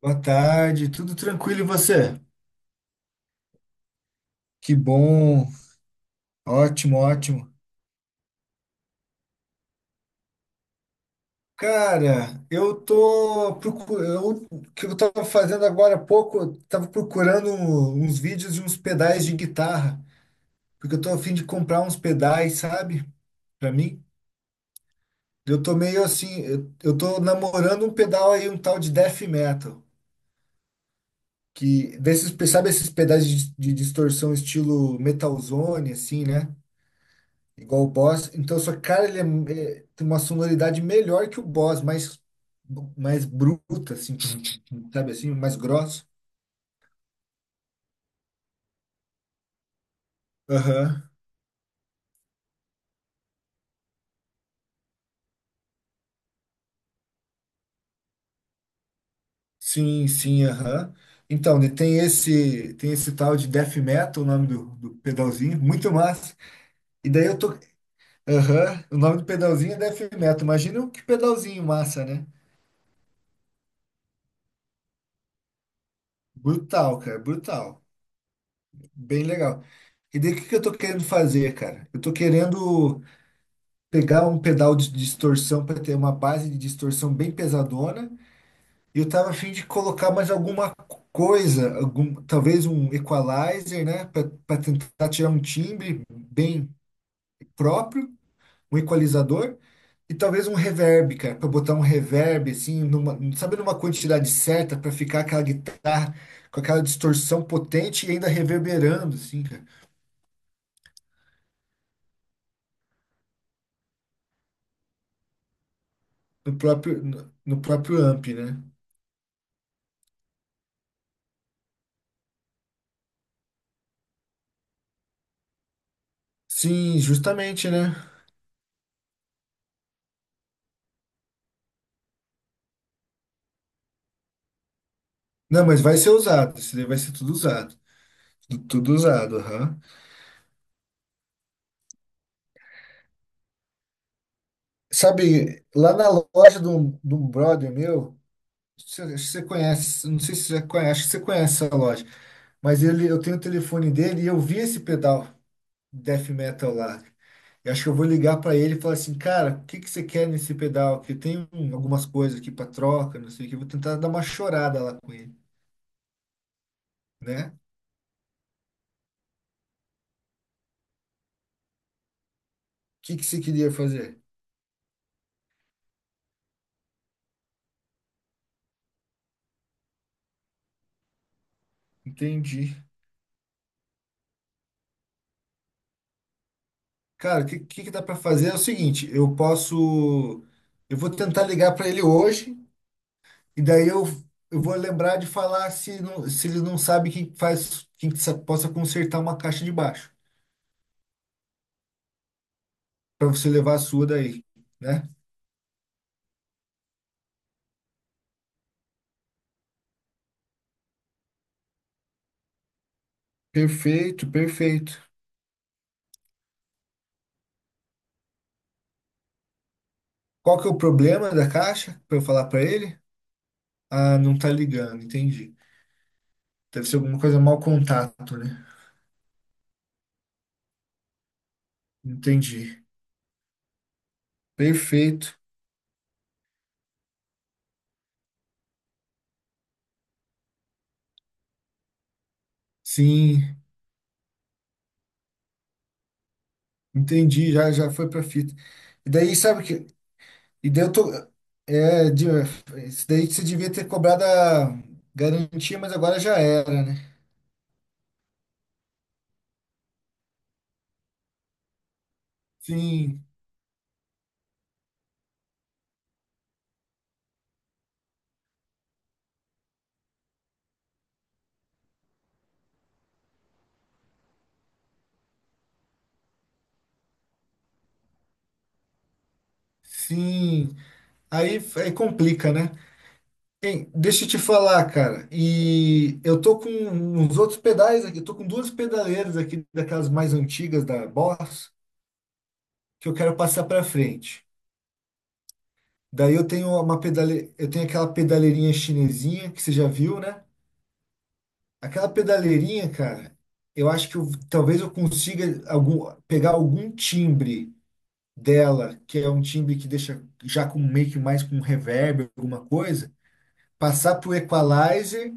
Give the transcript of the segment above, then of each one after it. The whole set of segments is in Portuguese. Boa tarde, tudo tranquilo e você? Que bom, ótimo, ótimo. Cara, eu tô procurando, o que eu tava fazendo agora há pouco, eu tava procurando uns vídeos de uns pedais de guitarra, porque eu tô a fim de comprar uns pedais, sabe? Pra mim, eu tô meio assim, eu tô namorando um pedal aí, um tal de death metal, que desses, sabe esses pedais de distorção estilo metalzone assim, né? Igual o Boss. Então, só que, cara, ele tem uma sonoridade melhor que o Boss, mais, bruta, assim, tum, tum, tum, sabe assim, mais grosso. Aham. Sim, sim, aham. Então, né, tem esse tal de Death Metal, o nome do pedalzinho, muito massa. E daí eu tô. Aham, o nome do pedalzinho é Death Metal. Imagina que pedalzinho massa, né? Brutal, cara, brutal. Bem legal. E daí o que que eu tô querendo fazer, cara? Eu tô querendo pegar um pedal de distorção para ter uma base de distorção bem pesadona. E eu tava a fim de colocar mais alguma coisa, algum, talvez um equalizer, né, para tentar tirar um timbre bem próprio, um equalizador e talvez um reverb, cara, para botar um reverb assim, numa, sabe, numa quantidade certa para ficar aquela guitarra com aquela distorção potente e ainda reverberando assim, cara, no próprio amp, né? Sim, justamente, né? Não, mas vai ser usado. Isso daí vai ser tudo usado. Tudo usado, aham. Sabe, lá na loja de um brother meu, você, acho que você conhece, não sei se você já conhece, acho que você conhece essa loja, mas ele, eu tenho o telefone dele e eu vi esse pedal death metal lá. Eu acho que eu vou ligar para ele e falar assim, cara, o que que você quer nesse pedal? Que tem algumas coisas aqui para troca, não sei o que. Eu vou tentar dar uma chorada lá com ele, né? O que que você queria fazer? Entendi. Cara, o que, que dá para fazer é o seguinte, eu posso, eu vou tentar ligar para ele hoje e daí eu vou lembrar de falar se, não, se ele não sabe quem faz, quem que possa consertar uma caixa de baixo para você levar a sua daí, né? Perfeito, perfeito. Qual que é o problema da caixa para eu falar para ele? Ah, não tá ligando, entendi. Deve ser alguma coisa mau contato, né? Entendi. Perfeito. Sim, entendi, já foi para fita. E daí sabe que. E daí eu tô. É, isso daí você devia ter cobrado a garantia, mas agora já era, né? Sim, sim. Aí complica, né? Hein, deixa eu te falar, cara. E eu tô com uns outros pedais aqui. Eu tô com duas pedaleiras aqui, daquelas mais antigas da Boss, que eu quero passar pra frente. Daí eu tenho aquela pedaleirinha chinesinha que você já viu, né? Aquela pedaleirinha, cara, eu acho que talvez eu consiga pegar algum timbre dela, que é um timbre que deixa já com meio que mais com reverb, alguma coisa, passar pro equalizer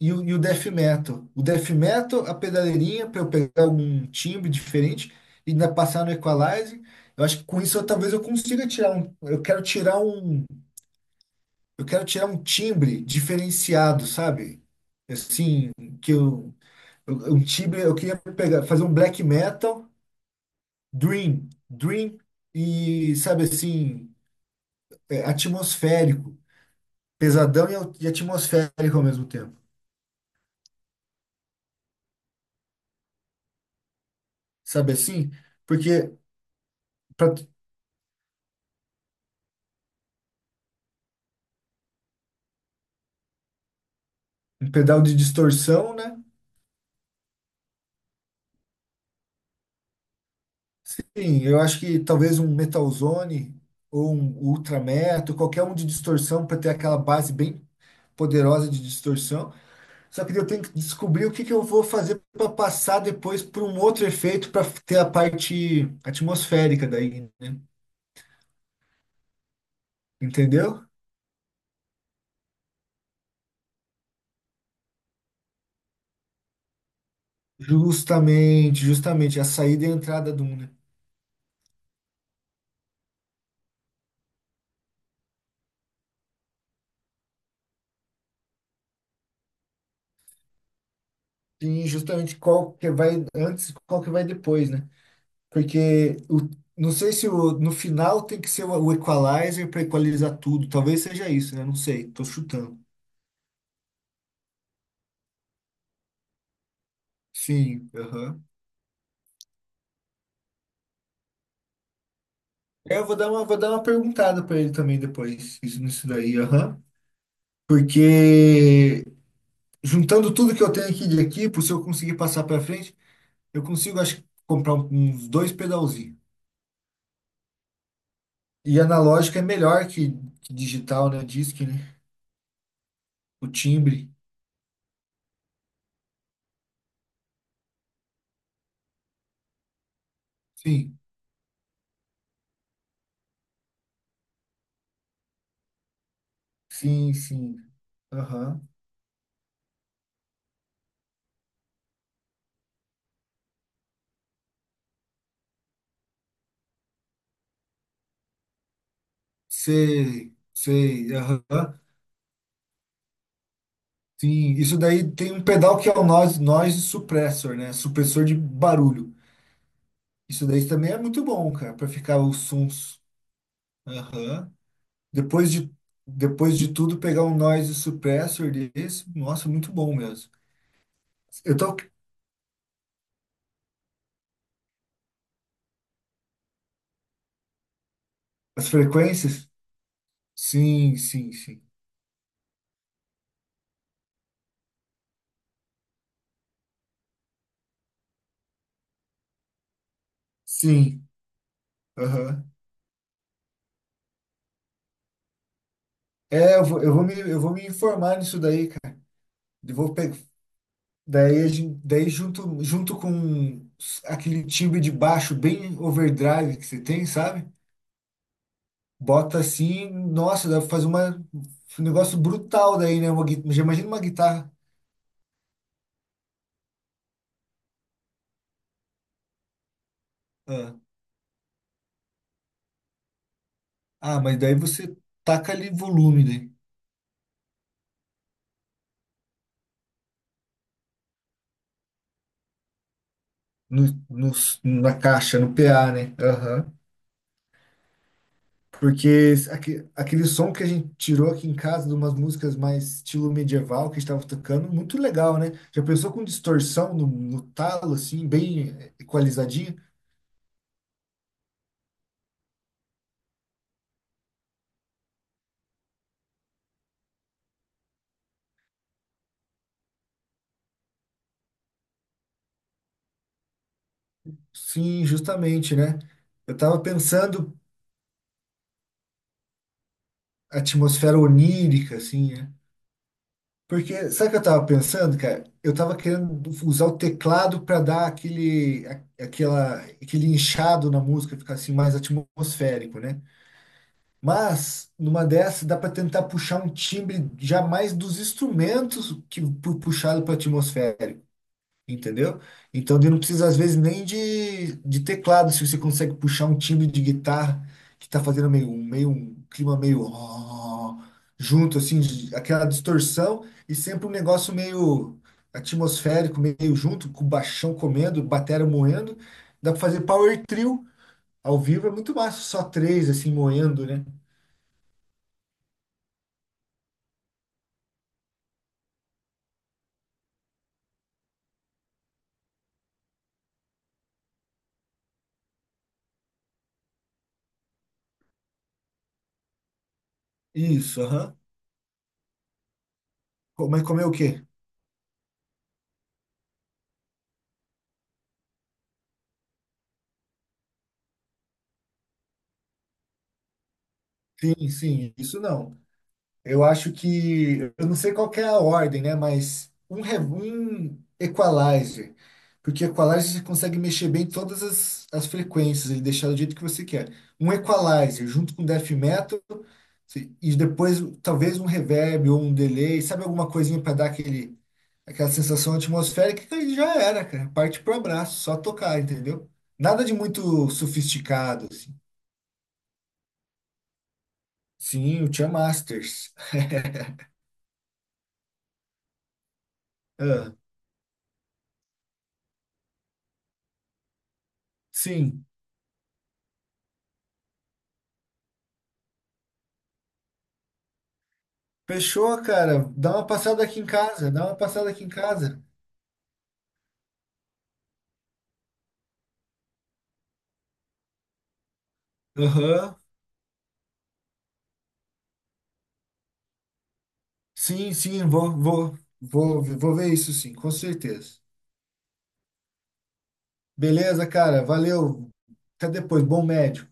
e o death metal. O death metal, a pedaleirinha, para eu pegar algum timbre diferente e ainda passar no equalizer. Eu acho que com isso eu, talvez eu consiga tirar um. Eu quero tirar um. Eu quero tirar um timbre diferenciado, sabe? Assim, que eu, um time, eu queria pegar, fazer um black metal, dream, dream e, sabe assim, é, atmosférico, pesadão e, e atmosférico ao mesmo tempo, sabe assim? Porque para um pedal de distorção, né? Sim, eu acho que talvez um metalzone ou um ultra metal, qualquer um de distorção para ter aquela base bem poderosa de distorção. Só que daí eu tenho que descobrir o que que eu vou fazer para passar depois para um outro efeito para ter a parte atmosférica daí, né? Entendeu? Justamente, justamente a saída e a entrada do um, né? Sim, justamente qual que vai antes, e qual que vai depois, né? Porque o, não sei se o, no final tem que ser o equalizer para equalizar tudo. Talvez seja isso, né? Não sei, tô chutando. Sim, aham. É, eu vou dar uma perguntada para ele também depois, nisso daí, aham. Porque juntando tudo que eu tenho aqui de equipo, se eu conseguir passar para frente, eu consigo, acho, que, comprar uns dois pedalzinhos. E analógico é melhor que digital, né? Diz que, né? O timbre. Sim, sim, sim. Aham. Sei, sei. Aham. Sim, isso daí tem um pedal que é o noise suppressor, né? Supressor de barulho. Isso daí também é muito bom, cara, para ficar os sons. Aham. Depois de, depois de tudo, pegar um noise suppressor desse, nossa, muito bom mesmo. Eu tô. As frequências? Sim, sim, sim. Sim, aham. É, eu vou me informar nisso daí, cara. Eu vou pegar, daí, daí junto com aquele timbre de baixo bem overdrive que você tem, sabe? Bota assim, nossa, dá pra fazer um negócio brutal daí, né? Já imagina uma guitarra. Ah, ah, mas daí você taca ali volume, né? no, no- na caixa, no PA, né? Aham. Porque aquele som que a gente tirou aqui em casa de umas músicas mais estilo medieval que a gente estava tocando, muito legal, né? Já pensou com distorção no talo, assim, bem equalizadinho? Sim, justamente, né? Eu tava pensando a atmosfera onírica, assim, né? Porque, sabe o que eu tava pensando, cara? Eu tava querendo usar o teclado para dar aquele inchado na música, ficar assim mais atmosférico, né? Mas, numa dessas, dá para tentar puxar um timbre já mais dos instrumentos que puxado para atmosférico, entendeu? Então, daí não precisa, às vezes, nem de teclado, se você consegue puxar um timbre de guitarra que está fazendo meio, meio um clima meio ó, junto, assim, aquela distorção e sempre um negócio meio atmosférico, meio junto, com o baixão comendo, batera moendo. Dá para fazer power trio ao vivo, é muito massa, só três, assim, moendo, né? Isso, aham. Mas comer o quê? Sim, sim, isso não. Eu acho que, eu não sei qual que é a ordem, né? Mas um equalizer, porque equalizer você consegue mexer bem todas as frequências, ele deixar do jeito que você quer. Um equalizer junto com death metal e depois talvez um reverb ou um delay, sabe alguma coisinha para dar aquela sensação atmosférica que já era, cara. Parte pro abraço, só tocar, entendeu? Nada de muito sofisticado, assim. Sim, o Tia Masters. Ah, sim. Fechou, cara. Dá uma passada aqui em casa. Dá uma passada aqui em casa. Aham. Sim, sim, vou ver isso sim, com certeza. Beleza, cara. Valeu. Até depois. Bom médico.